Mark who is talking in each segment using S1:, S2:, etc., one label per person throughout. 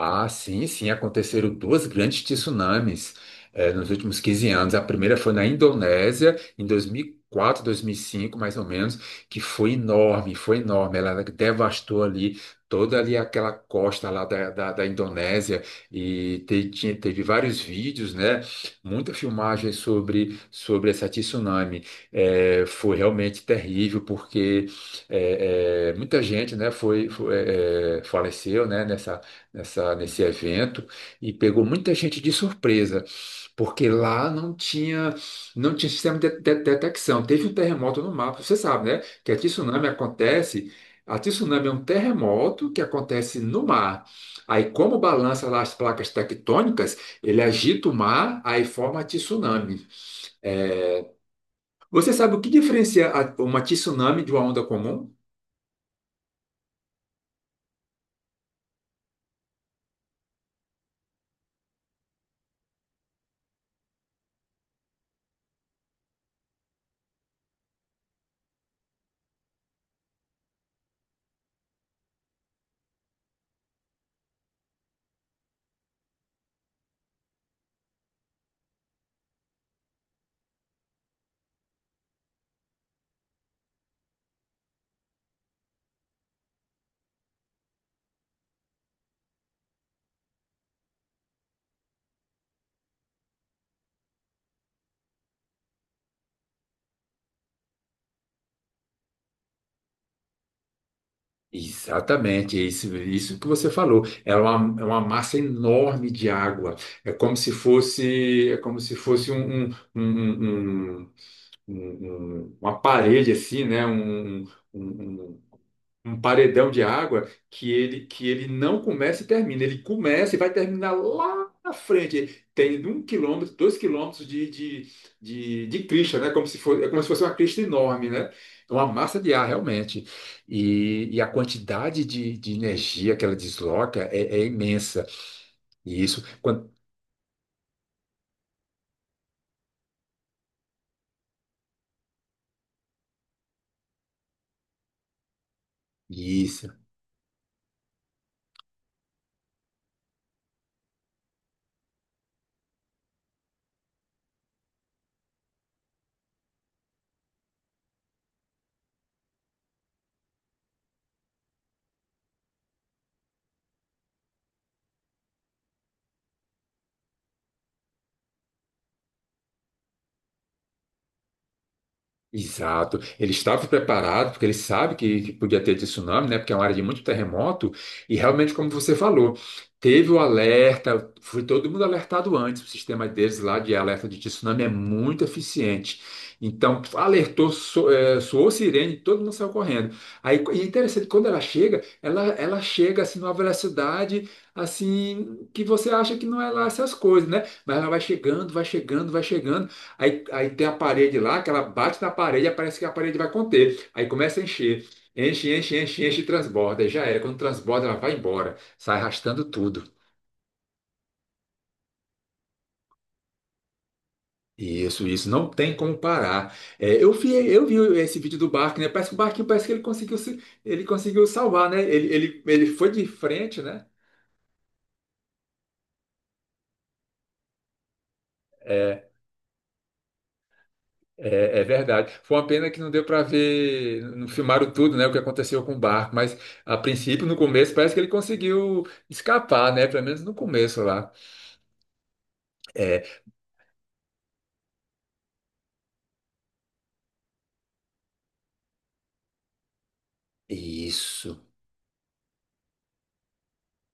S1: Ah, sim, sim, aconteceram duas grandes tsunamis nos últimos 15 anos. A primeira foi na Indonésia, em dois mil e quatro, 2005, mais ou menos, que foi enorme, foi enorme. Ela devastou ali toda ali aquela costa lá da Indonésia e teve vários vídeos, né? Muita filmagem sobre essa tsunami. Foi realmente terrível, porque muita gente, né, faleceu, né, nesse evento e pegou muita gente de surpresa, porque lá não tinha, não tinha sistema de detecção. Teve um terremoto no mapa, você sabe, né? Que a tsunami acontece. A tsunami é um terremoto que acontece no mar. Aí, como balança lá as placas tectônicas, ele agita o mar, aí forma a tsunami. É. Você sabe o que diferencia uma tsunami de uma onda comum? Exatamente, é isso, isso que você falou. Ela é uma, é uma massa enorme de água. É como se fosse, é como se fosse um- um- um- uma parede assim, né? Um- um, um paredão de água que ele não começa e termina. Ele começa e vai terminar lá na frente. Tem 1 quilômetro, 2 quilômetros de crista, né? Como se fosse, é como se fosse uma crista enorme, né? É uma massa de ar, realmente. E a quantidade de energia que ela desloca é, é imensa. E isso, isso. Exato. Ele estava preparado, porque ele sabe que podia ter tsunami, né? Porque é uma área de muito terremoto, e realmente, como você falou, teve o alerta, foi todo mundo alertado antes. O sistema deles lá de alerta de tsunami é muito eficiente. Então, alertou, soou sirene, todo mundo saiu correndo. Aí, e é interessante, quando ela chega, ela chega assim numa velocidade assim que você acha que não é lá essas coisas, né? Mas ela vai chegando, vai chegando, vai chegando. Aí tem a parede lá, que ela bate na parede, aí parece que a parede vai conter. Aí começa a encher. Enche, enche, enche, enche e transborda. Aí já era. Quando transborda, ela vai embora. Sai arrastando tudo. Isso, isso. Não tem como parar. É, eu vi esse vídeo do barco, né? Parece que o barquinho, parece que ele conseguiu, ele conseguiu salvar, né? Ele foi de frente, né? É, é, é verdade. Foi uma pena que não deu para ver, não filmaram tudo, né, o que aconteceu com o barco, mas a princípio, no começo, parece que ele conseguiu escapar, né, pelo menos no começo lá. É, isso.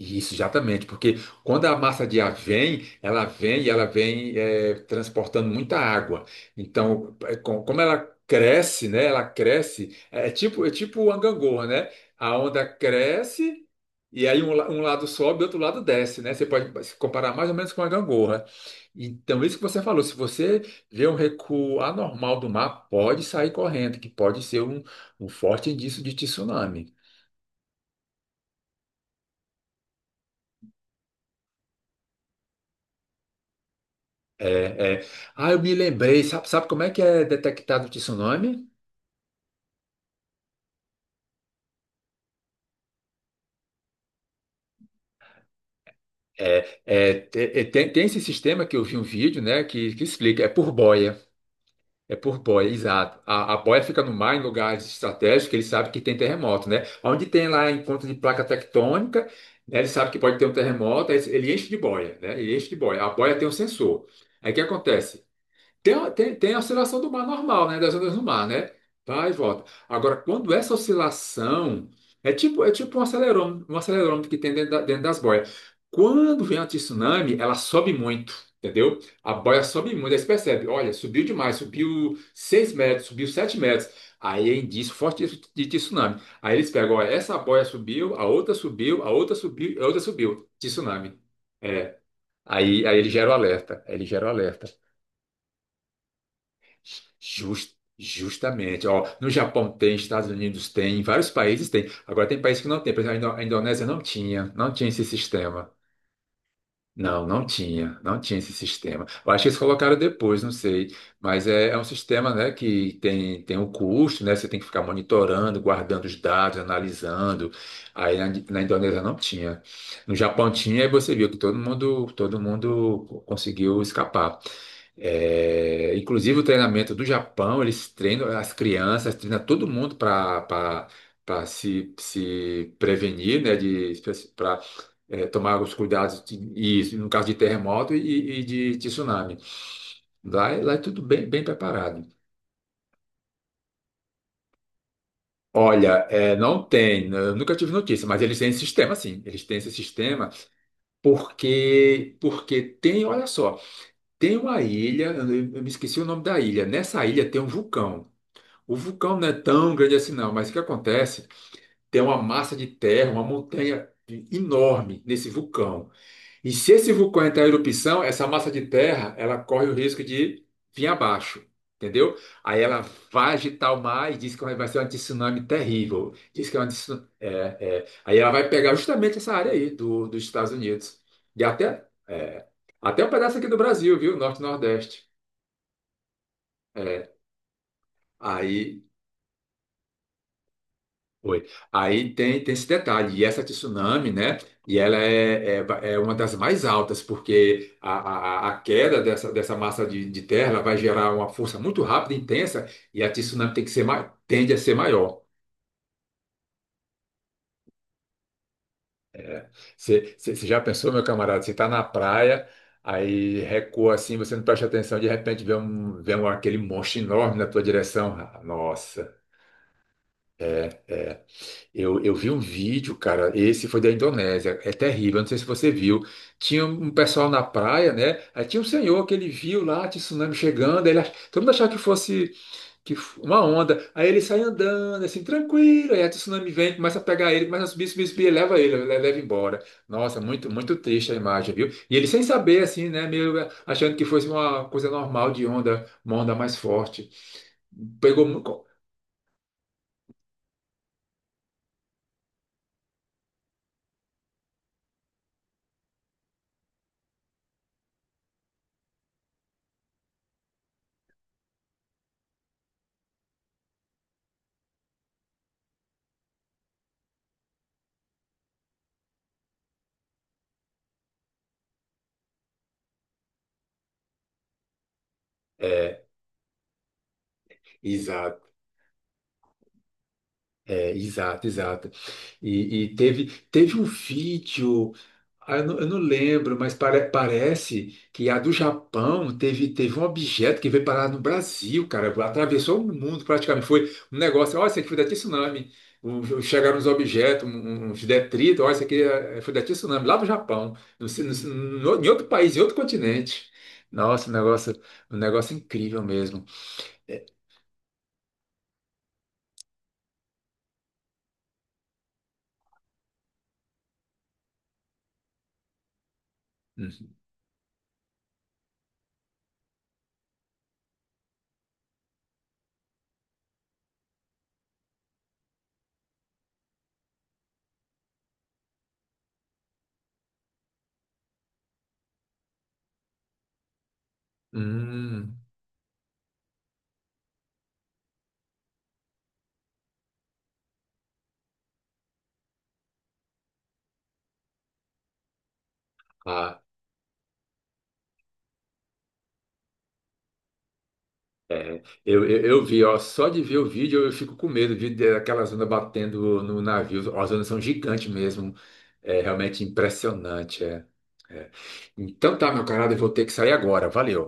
S1: Isso, exatamente, porque quando a massa de ar vem, ela vem e ela vem transportando muita água. Então, como ela cresce, né? Ela cresce, é é tipo o gangorra, né? A onda cresce e aí um lado sobe e outro lado desce, né? Você pode se comparar mais ou menos com a gangorra. Então, isso que você falou, se você vê um recuo anormal do mar, pode sair correndo, que pode ser um, um forte indício de tsunami. É, é. Ah, eu me lembrei. Sabe, sabe como é que é detectado o tsunami? É, tem esse sistema que eu vi um vídeo, né, que explica. É por boia. É por boia, exato. A boia fica no mar, em lugares estratégicos, que ele sabe que tem terremoto, né? Onde tem lá encontro de placa tectônica, né, ele sabe que pode ter um terremoto, aí ele enche de boia, né? Ele enche de boia. A boia tem um sensor. Aí o que acontece? Tem a oscilação do mar normal, né? Das ondas do mar, né? Vai e volta. Agora, quando essa oscilação é tipo um acelerômetro que tem dentro, dentro das boias. Quando vem a tsunami, ela sobe muito, entendeu? A boia sobe muito, aí você percebe, olha, subiu demais, subiu 6 metros, subiu 7 metros. Aí é indício forte de tsunami. Aí eles pegam, olha, essa boia subiu, a outra subiu, a outra subiu, a outra subiu. Tsunami. É. Aí ele gera o alerta. Aí ele gera o alerta. Justamente. Ó, no Japão tem, Estados Unidos tem, vários países tem. Agora tem países que não tem. Por exemplo, a a Indonésia não tinha, não tinha esse sistema. Não, não tinha, não tinha esse sistema. Eu acho que eles colocaram depois, não sei. Mas é, é um sistema, né, que tem, tem um custo, né? Você tem que ficar monitorando, guardando os dados, analisando. Aí na Indonésia não tinha. No Japão tinha, e você viu que todo mundo conseguiu escapar. É, inclusive o treinamento do Japão, eles treinam as crianças, treinam todo mundo para se, se prevenir, né, de é, tomar os cuidados e, no caso de terremoto e de tsunami. Lá, lá é tudo bem, bem preparado. Olha, é, não tem, eu nunca tive notícia, mas eles têm esse sistema, sim. Eles têm esse sistema porque, porque tem, olha só, tem uma ilha, eu me esqueci o nome da ilha. Nessa ilha tem um vulcão. O vulcão não é tão grande assim, não, mas o que acontece? Tem uma massa de terra, uma montanha enorme nesse vulcão. E se esse vulcão entrar em erupção, essa massa de terra, ela corre o risco de vir abaixo, entendeu? Aí ela vai agitar o mar e diz que vai ser um tsunami terrível. Diz que é uma é, é. Aí ela vai pegar justamente essa área aí dos Estados Unidos. E até, é, até um pedaço aqui do Brasil, viu? Norte e Nordeste. É. Aí foi. Aí tem, tem esse detalhe, e essa tsunami, né? E ela é, é uma das mais altas, porque a queda dessa massa de terra ela vai gerar uma força muito rápida e intensa, e a tsunami tem que ser, tende a ser maior. Você já pensou, meu camarada? Você está na praia, aí recua assim, você não presta atenção, de repente vê, vê um, aquele monstro enorme na tua direção. Ah, nossa! Eu vi um vídeo, cara. Esse foi da Indonésia. É terrível. Eu não sei se você viu. Tinha um pessoal na praia, né? Aí tinha um senhor que ele viu lá, tinha tsunami chegando. Ele, todo mundo achava que fosse uma onda. Aí ele sai andando, assim, tranquilo. Aí a tsunami vem, começa a pegar ele, começa a subir, subir, subir, e leva ele, leva embora. Nossa, muito, muito triste a imagem, viu? E ele sem saber, assim, né? Meio achando que fosse uma coisa normal de onda, uma onda mais forte. Pegou muito. É, é, exato, exato. E teve, teve um vídeo, ah, eu não lembro, mas parece que a do Japão teve, teve um objeto que veio parar no Brasil, cara, atravessou o mundo praticamente. Foi um negócio, olha, isso aqui foi da tsunami. Chegaram uns objetos, uns detritos, olha, isso aqui foi da tsunami, lá do Japão, em outro país, em outro continente. Nossa, um negócio incrível mesmo. Hum, hum, claro. É, eu vi, ó, só de ver o vídeo eu fico com medo de daquelas ondas batendo no navio. Ó, as ondas são gigantes mesmo. É realmente impressionante. É, é. Então tá, meu camarada, eu vou ter que sair agora. Valeu.